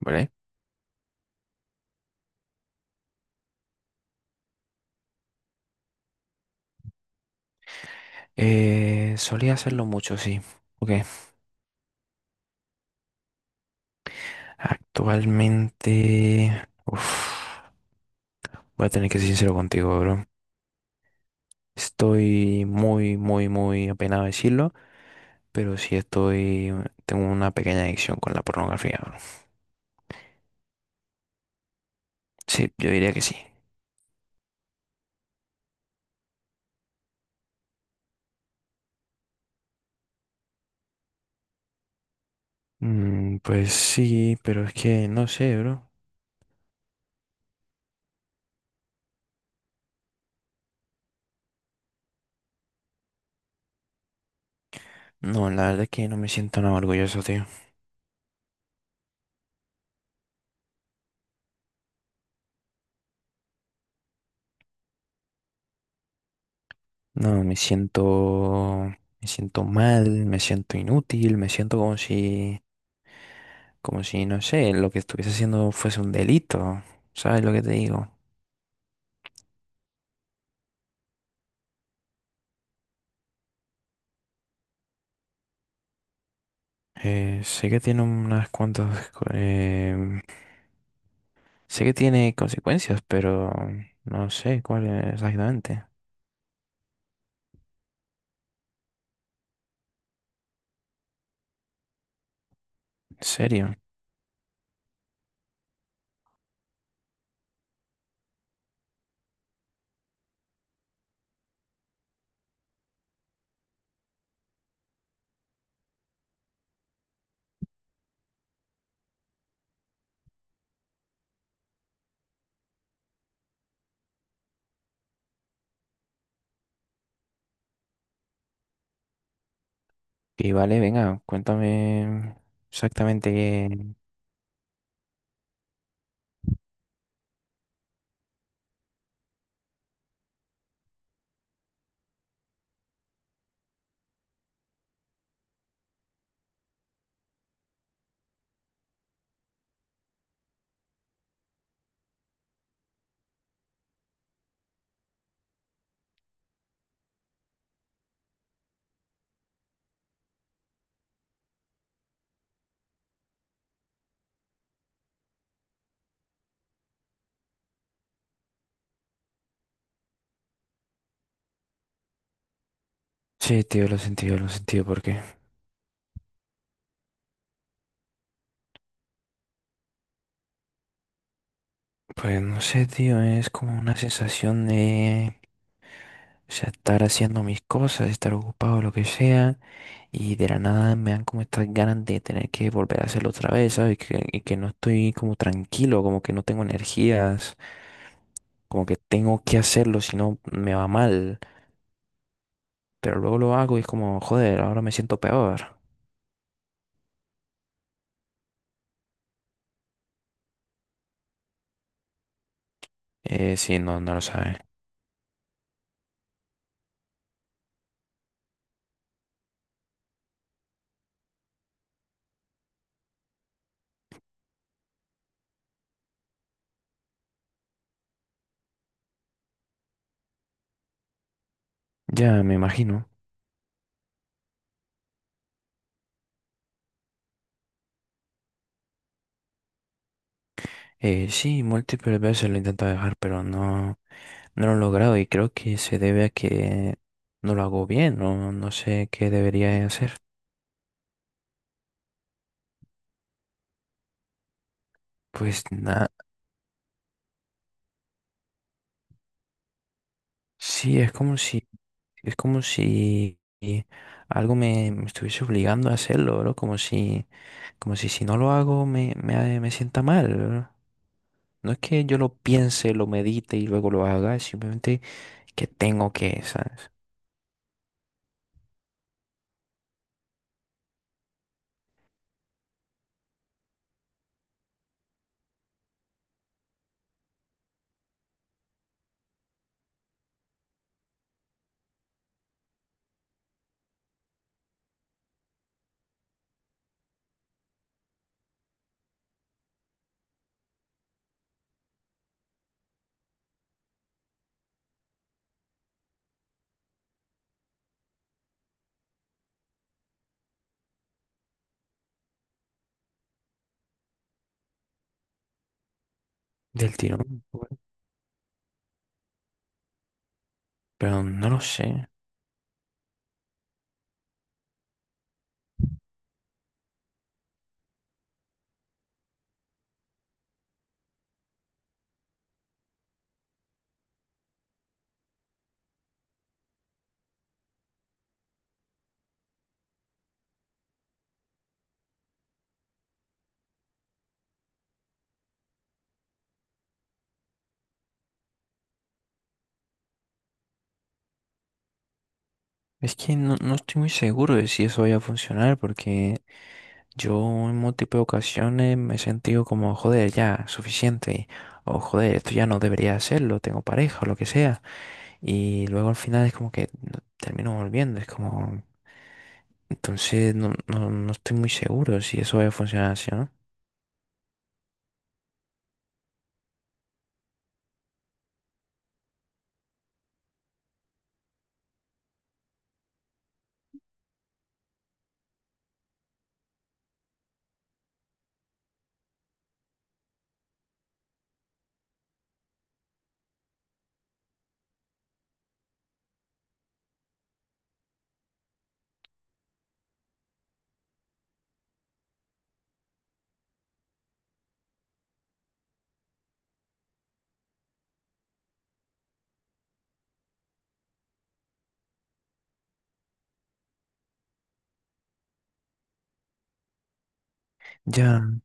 ¿Vale? Solía hacerlo mucho, sí. Ok. Actualmente. Uf, voy a tener que ser sincero contigo, bro. Estoy muy, muy, muy apenado de decirlo, pero sí estoy. Tengo una pequeña adicción con la pornografía, bro. Sí, yo diría que sí. Pues sí, pero es que no sé, bro. No, la verdad es que no me siento nada orgulloso, tío. No, me siento. Me siento mal, me siento inútil, me siento como si. Como si, no sé, lo que estuviese haciendo fuese un delito. ¿Sabes lo que te digo? Sé que tiene unas cuantas, sé que tiene consecuencias, pero no sé cuál exactamente. En serio. Y vale, venga, cuéntame exactamente qué. Sí, tío, lo he sentido, ¿por qué? Pues no sé, tío, es como una sensación de. O sea, estar haciendo mis cosas, estar ocupado, lo que sea. Y de la nada me dan como estas ganas de tener que volver a hacerlo otra vez, ¿sabes? Y que no estoy como tranquilo, como que no tengo energías, como que tengo que hacerlo, si no me va mal. Pero luego lo hago y es como, joder, ahora me siento peor. Sí, no, no lo sabes. Ya, me imagino. Sí, múltiples veces lo he intentado dejar, pero no, no lo he logrado y creo que se debe a que no lo hago bien, no, no sé qué debería hacer. Pues nada. Sí, es como si algo me estuviese obligando a hacerlo, ¿no? Como si si no lo hago me sienta mal, ¿no? No es que yo lo piense, lo medite y luego lo haga, es simplemente que tengo que, ¿sabes? Del tirón. Bueno, pero no lo sé. Es que no, no estoy muy seguro de si eso vaya a funcionar porque yo en múltiples ocasiones me he sentido como, joder, ya, suficiente. O joder, esto ya no debería hacerlo, tengo pareja o lo que sea. Y luego al final es como que termino volviendo, es como. Entonces no, no, no estoy muy seguro si eso va a funcionar así, ¿no? Ya,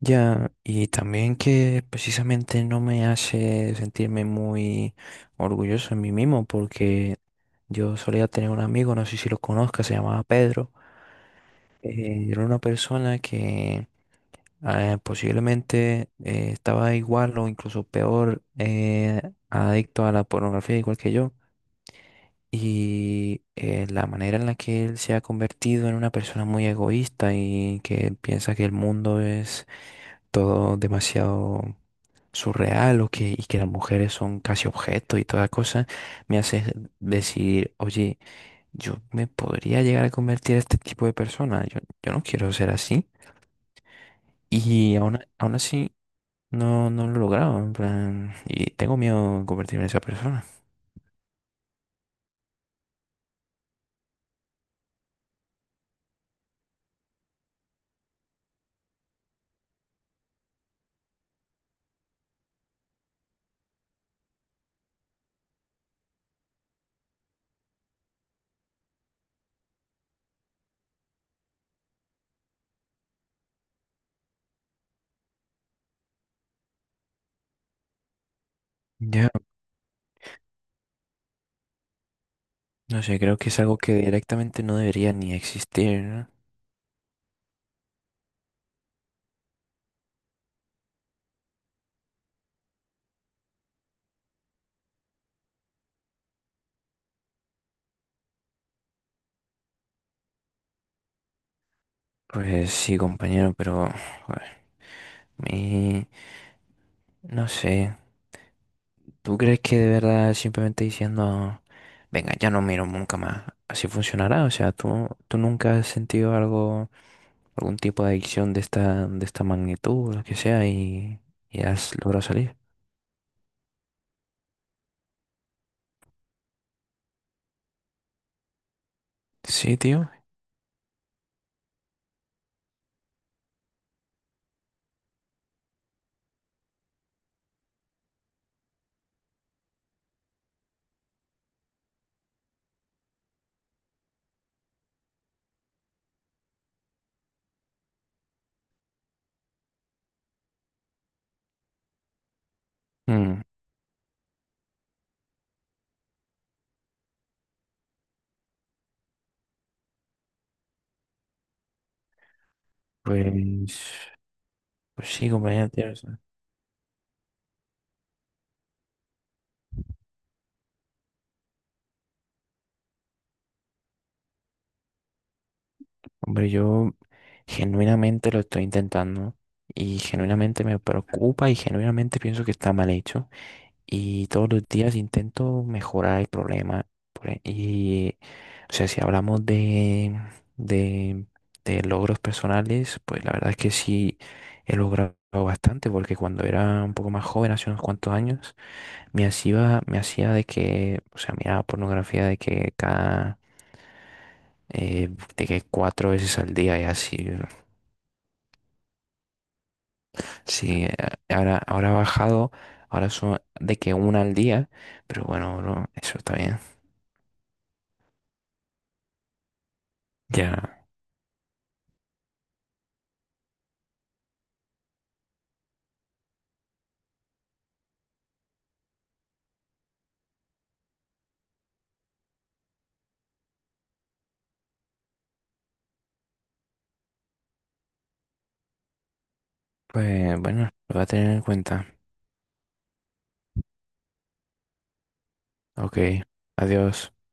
ya. Y también que precisamente no me hace sentirme muy orgulloso en mí mismo porque yo solía tener un amigo, no sé si lo conozcas, se llamaba Pedro. Era una persona que posiblemente estaba igual o incluso peor, adicto a la pornografía igual que yo. Y la manera en la que él se ha convertido en una persona muy egoísta y que piensa que el mundo es todo demasiado surreal o que, y que las mujeres son casi objetos y toda cosa, me hace decir, oye, yo me podría llegar a convertir en este tipo de persona, yo no quiero ser así. Y aún así no, no lo he logrado, en plan, y tengo miedo de convertirme en esa persona. Ya. No sé, creo que es algo que directamente no debería ni existir, ¿no? Pues sí, compañero, pero joder, mi- no sé. ¿Tú crees que de verdad simplemente diciendo, venga, ya no miro nunca más, así funcionará? O sea, ¿tú nunca has sentido algún tipo de adicción de esta magnitud, lo que sea, y has logrado salir? Sí, tío. Mm, pues, pues sí, compañero, tío. O sea, hombre, yo genuinamente lo estoy intentando y genuinamente me preocupa y genuinamente pienso que está mal hecho y todos los días intento mejorar el problema. Y, o sea, si hablamos de, de logros personales, pues la verdad es que sí he logrado bastante porque cuando era un poco más joven, hace unos cuantos años, me hacía de que, o sea, miraba pornografía de que cada. eh, de que cuatro veces al día y así. Sí, ahora, ha bajado, ahora son de que una al día, pero bueno, bro, eso está bien. Ya, pues bueno, lo voy a tener en cuenta. Ok, adiós.